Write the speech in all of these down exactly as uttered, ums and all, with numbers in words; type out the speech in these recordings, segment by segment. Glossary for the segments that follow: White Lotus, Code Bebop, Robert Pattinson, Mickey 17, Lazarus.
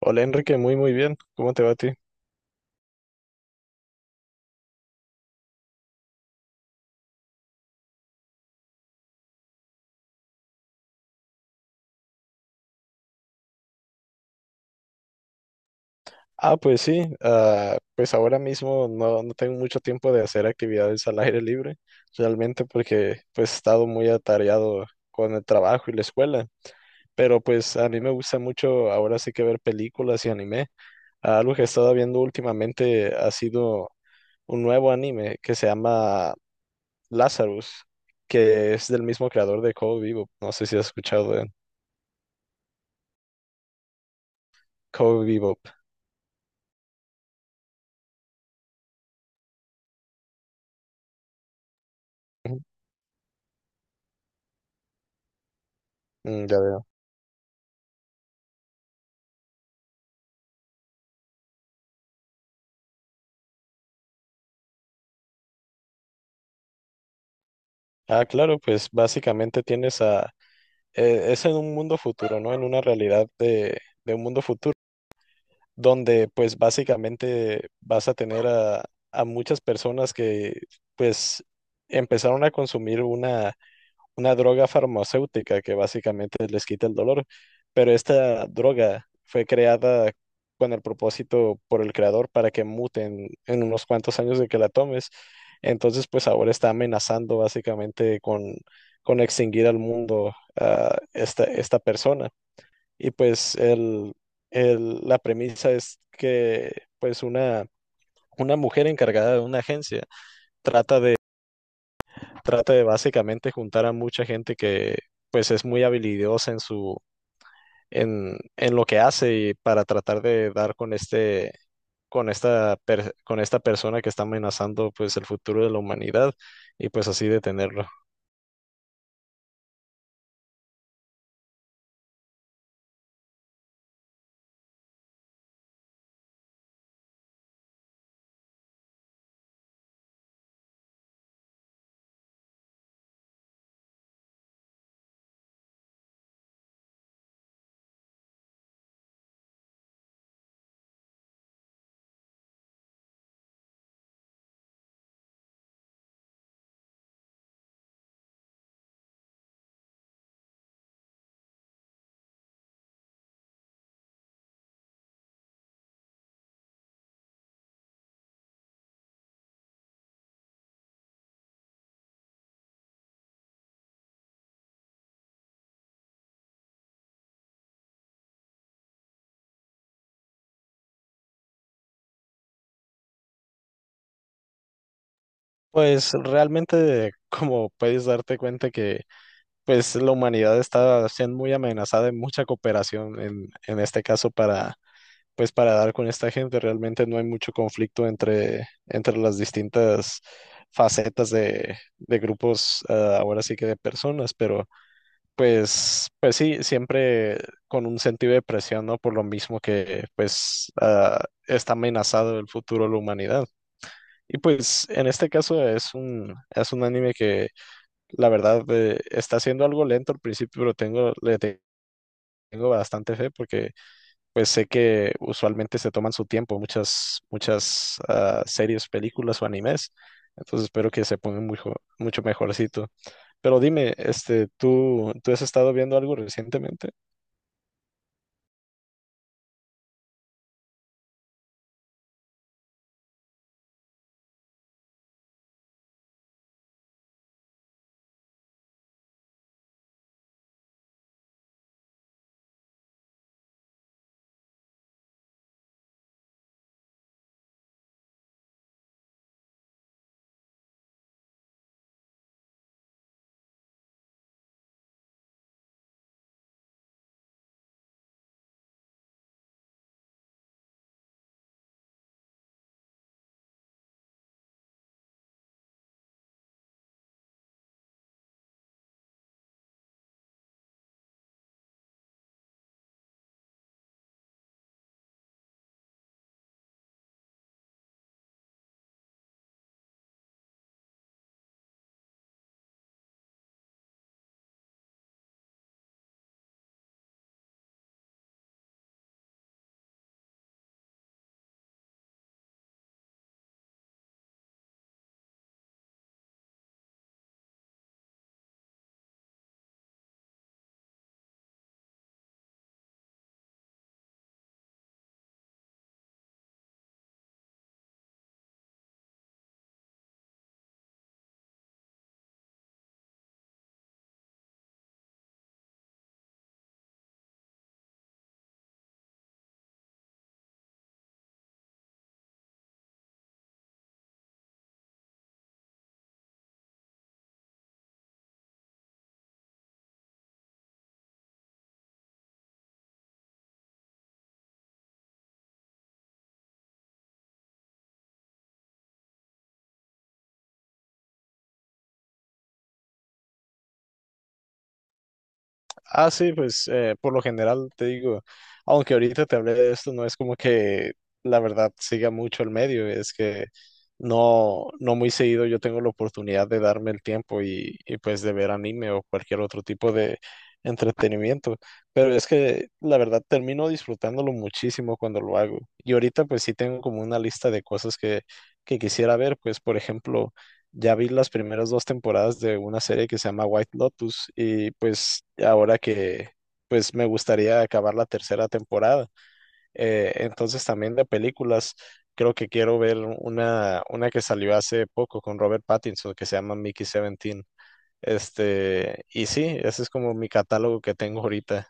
Hola Enrique, muy muy bien. ¿Cómo te va a ti? Ah, pues sí, ah, pues ahora mismo no, no tengo mucho tiempo de hacer actividades al aire libre, realmente porque pues he estado muy atareado con el trabajo y la escuela, pero pues a mí me gusta mucho ahora sí que ver películas y anime. Ah, Algo que he estado viendo últimamente ha sido un nuevo anime que se llama Lazarus, que es del mismo creador de Code Bebop. No sé si has escuchado de Code Bebop. Ujú. Mm, ya. Ah, claro, pues básicamente tienes a... eh, es en un mundo futuro, ¿no? En una realidad de, de un mundo futuro, donde pues básicamente vas a tener a, a muchas personas que pues empezaron a consumir una una droga farmacéutica que básicamente les quita el dolor, pero esta droga fue creada con el propósito por el creador para que muten en unos cuantos años de que la tomes. Entonces, pues ahora está amenazando básicamente con, con extinguir al mundo a esta, esta persona. Y pues el, el- la premisa es que pues una, una mujer encargada de una agencia trata de trata de básicamente juntar a mucha gente que pues es muy habilidosa en su en, en lo que hace, y para tratar de dar con este con esta per- con esta persona que está amenazando pues el futuro de la humanidad, y pues así detenerlo. Pues realmente, como puedes darte cuenta que pues la humanidad está siendo muy amenazada, en mucha cooperación en en este caso para pues para dar con esta gente, realmente no hay mucho conflicto entre, entre las distintas facetas de, de grupos, ah, ahora sí que de personas, pero pues, pues sí, siempre con un sentido de presión, ¿no? Por lo mismo que pues ah, está amenazado el futuro de la humanidad. Y pues en este caso es un, es un anime que la verdad eh, está siendo algo lento al principio, pero tengo, le tengo bastante fe porque pues sé que usualmente se toman su tiempo muchas, muchas ah, series, películas o animes. Entonces espero que se pongan mucho, mucho mejorcito. Pero dime, este, ¿tú, tú has estado viendo algo recientemente? Ah, sí, pues eh, por lo general te digo, aunque ahorita te hablé de esto, no es como que la verdad siga mucho el medio, es que no, no muy seguido yo tengo la oportunidad de darme el tiempo y, y pues de ver anime o cualquier otro tipo de entretenimiento, pero es que la verdad termino disfrutándolo muchísimo cuando lo hago. Y ahorita pues sí tengo como una lista de cosas que, que quisiera ver, pues por ejemplo... Ya vi las primeras dos temporadas de una serie que se llama White Lotus, y pues ahora que pues me gustaría acabar la tercera temporada. Eh, entonces también de películas, creo que quiero ver una, una que salió hace poco con Robert Pattinson que se llama Mickey diecisiete. Este, y sí, ese es como mi catálogo que tengo ahorita.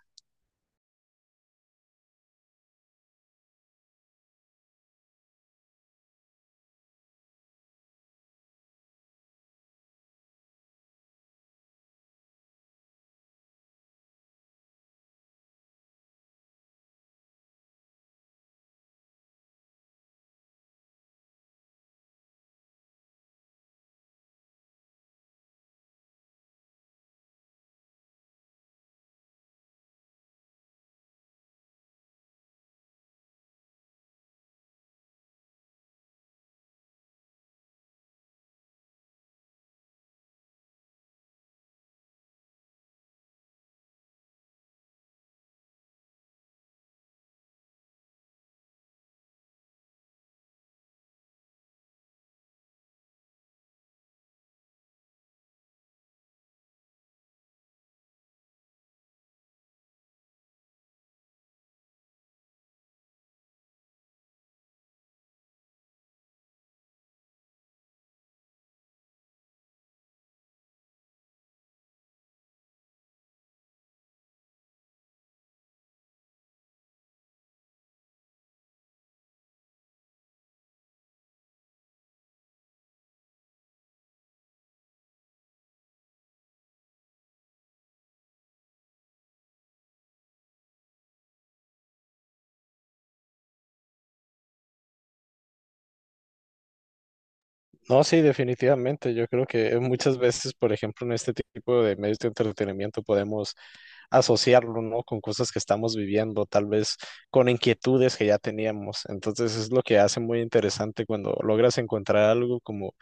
No, sí, definitivamente. Yo creo que muchas veces, por ejemplo, en este tipo de medios de entretenimiento podemos asociarlo, ¿no? Con cosas que estamos viviendo, tal vez con inquietudes que ya teníamos. Entonces es lo que hace muy interesante cuando logras encontrar algo como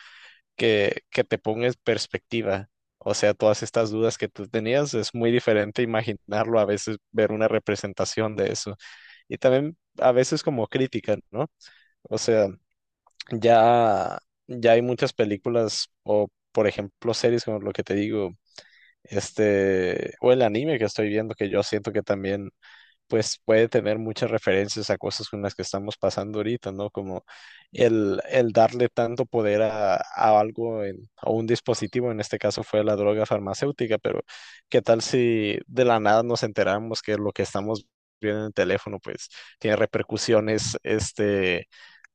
que, que te ponga en perspectiva. O sea, todas estas dudas que tú tenías, es muy diferente imaginarlo, a veces ver una representación de eso. Y también a veces como crítica, ¿no? O sea, ya, ya hay muchas películas o, por ejemplo, series como lo que te digo, este, o el anime que estoy viendo, que yo siento que también pues puede tener muchas referencias a cosas con las que estamos pasando ahorita, ¿no? Como el, el darle tanto poder a, a algo, en- a un dispositivo, en este caso fue la droga farmacéutica, pero ¿qué tal si de la nada nos enteramos que lo que estamos viendo en el teléfono, pues tiene repercusiones, este,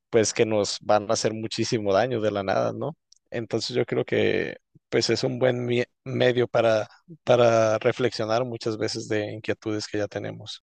pues que nos van a hacer muchísimo daño de la nada, ¿no? Entonces yo creo que pues es un buen mie- medio para, para reflexionar muchas veces de inquietudes que ya tenemos.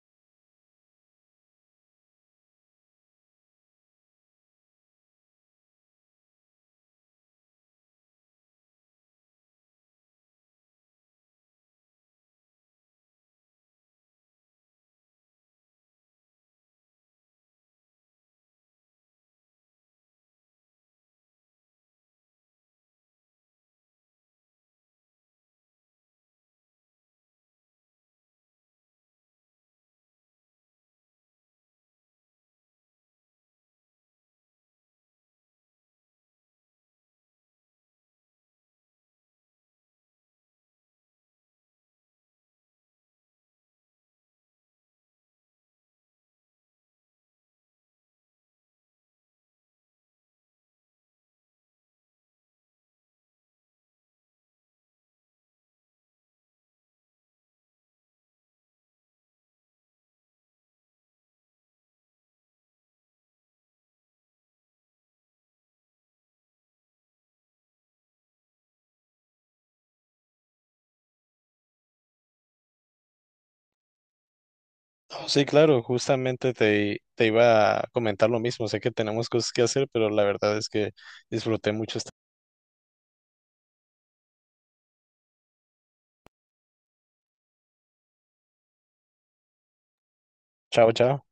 Oh, Sí, claro, justamente te, te iba a comentar lo mismo. Sé que tenemos cosas que hacer, pero la verdad es que disfruté mucho. esta- Chao, chao.